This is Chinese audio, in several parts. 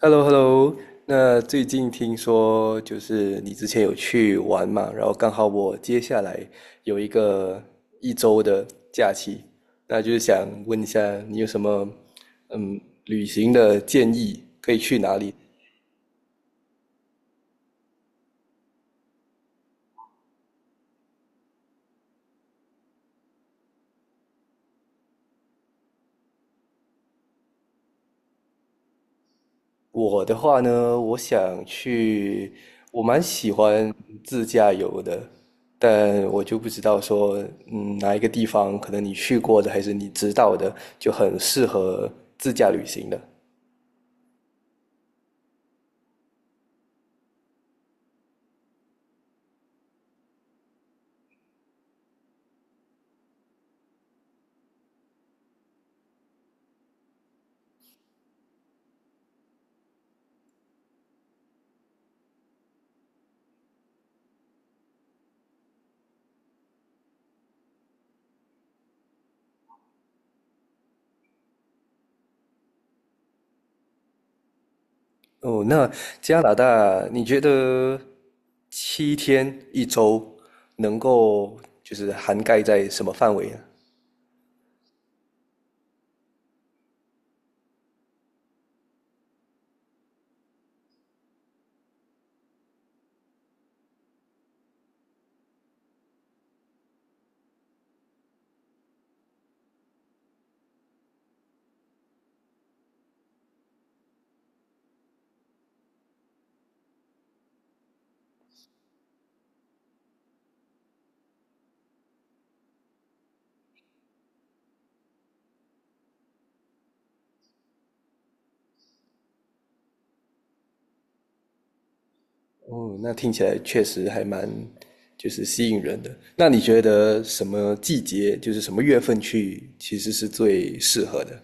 h e l l o h e l l o 那最近听说就是你之前有去玩嘛，然后刚好我接下来有一个一周的假期，那就是想问一下你有什么嗯旅行的建议，可以去哪里？我的话呢，我想去，我蛮喜欢自驾游的，但我就不知道说，哪一个地方可能你去过的还是你知道的，就很适合自驾旅行的。哦，那加拿大，你觉得7天一周能够就是涵盖在什么范围呢？哦，那听起来确实还蛮就是吸引人的。那你觉得什么季节，就是什么月份去，其实是最适合的？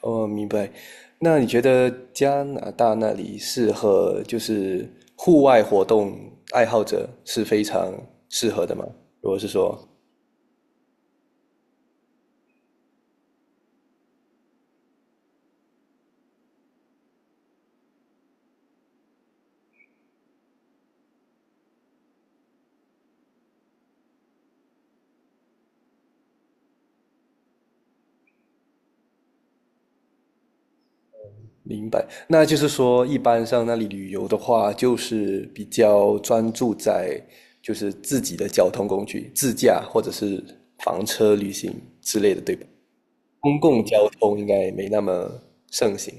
哦，明白。那你觉得加拿大那里适合就是户外活动爱好者是非常适合的吗？如果是说。明白，那就是说，一般上那里旅游的话，就是比较专注在就是自己的交通工具，自驾或者是房车旅行之类的，对吧？公共交通应该没那么盛行。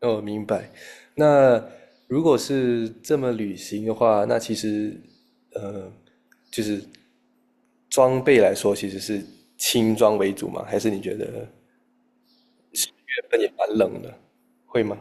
哦，明白。那如果是这么旅行的话，那其实，呃，就是装备来说，其实是轻装为主嘛？还是你觉得原本也蛮冷的，会吗？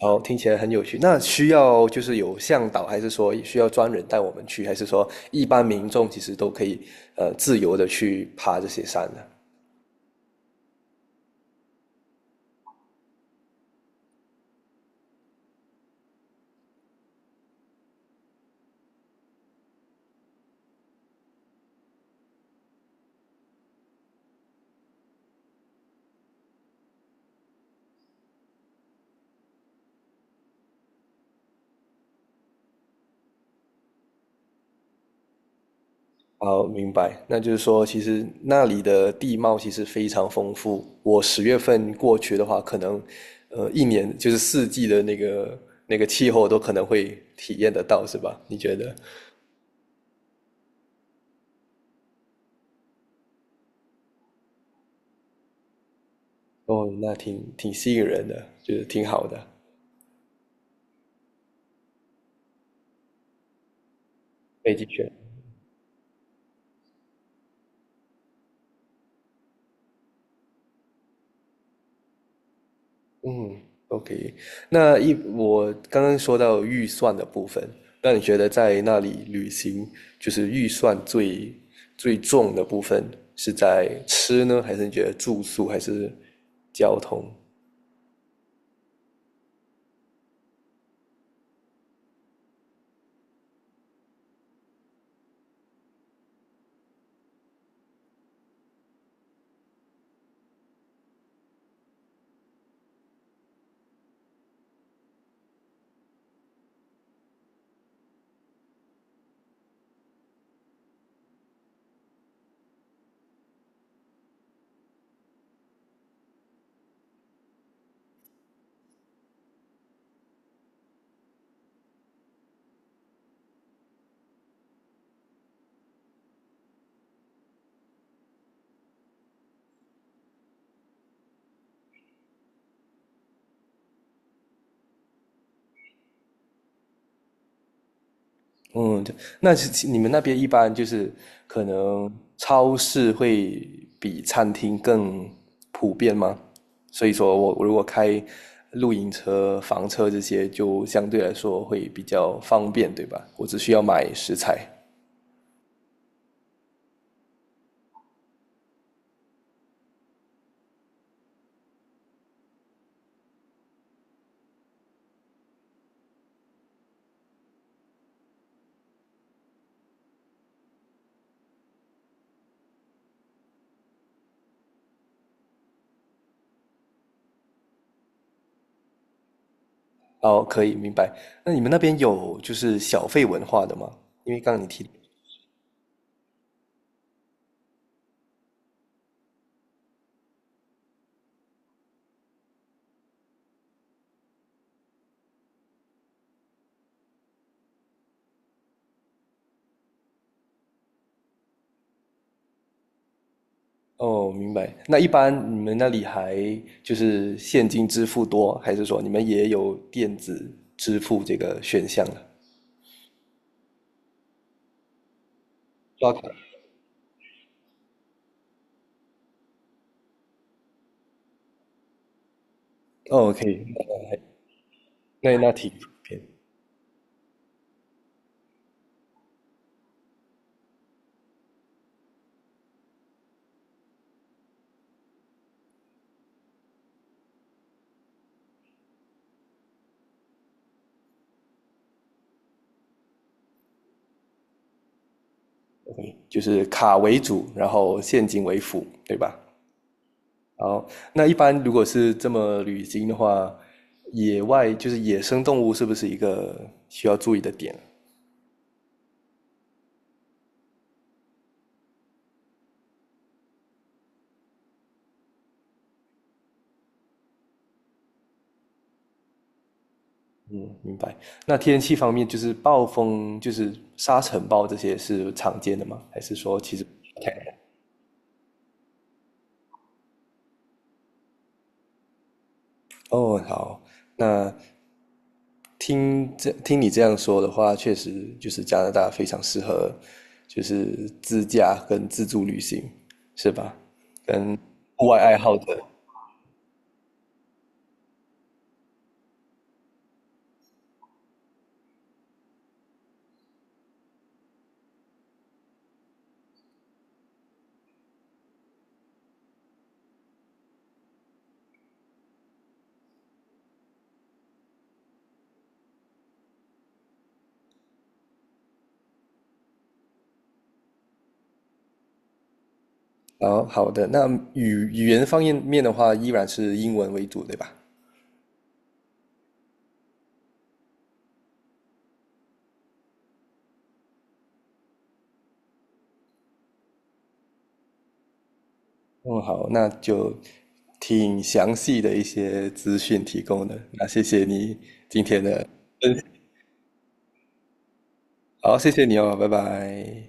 哦，听起来很有趣。那需要就是有向导，还是说需要专人带我们去，还是说一般民众其实都可以自由的去爬这些山呢？哦，明白。那就是说，其实那里的地貌其实非常丰富。我十月份过去的话，可能一年就是四季的那个气候都可能会体验得到，是吧？你觉得？哦，那挺吸引人的，就是挺好的，北极圈。嗯，OK。那我刚刚说到预算的部分，那你觉得在那里旅行，就是预算最重的部分是在吃呢，还是你觉得住宿，还是交通？嗯，对。那是你们那边一般就是可能超市会比餐厅更普遍吗？所以说我如果开露营车、房车这些，就相对来说会比较方便，对吧？我只需要买食材。哦，可以，明白。那你们那边有就是小费文化的吗？因为刚刚你提，哦，明白。那一般你们那里还就是现金支付多，还是说你们也有电子支付这个选项呢？刷卡。哦，可以。那挺普遍就是卡为主，然后现金为辅，对吧？好，那一般如果是这么旅行的话，野外就是野生动物是不是一个需要注意的点？嗯，明白。那天气方面，就是暴风，就是沙尘暴这些是常见的吗？还是说其实不太？哦，好，那听这听你这样说的话，确实就是加拿大非常适合，就是自驾跟自助旅行，是吧？跟户外爱好者。好，好的，那语言方面的话，依然是英文为主，对吧？嗯，好，那就挺详细的一些资讯提供的，那谢谢你今天的，好，谢谢你哦，拜拜。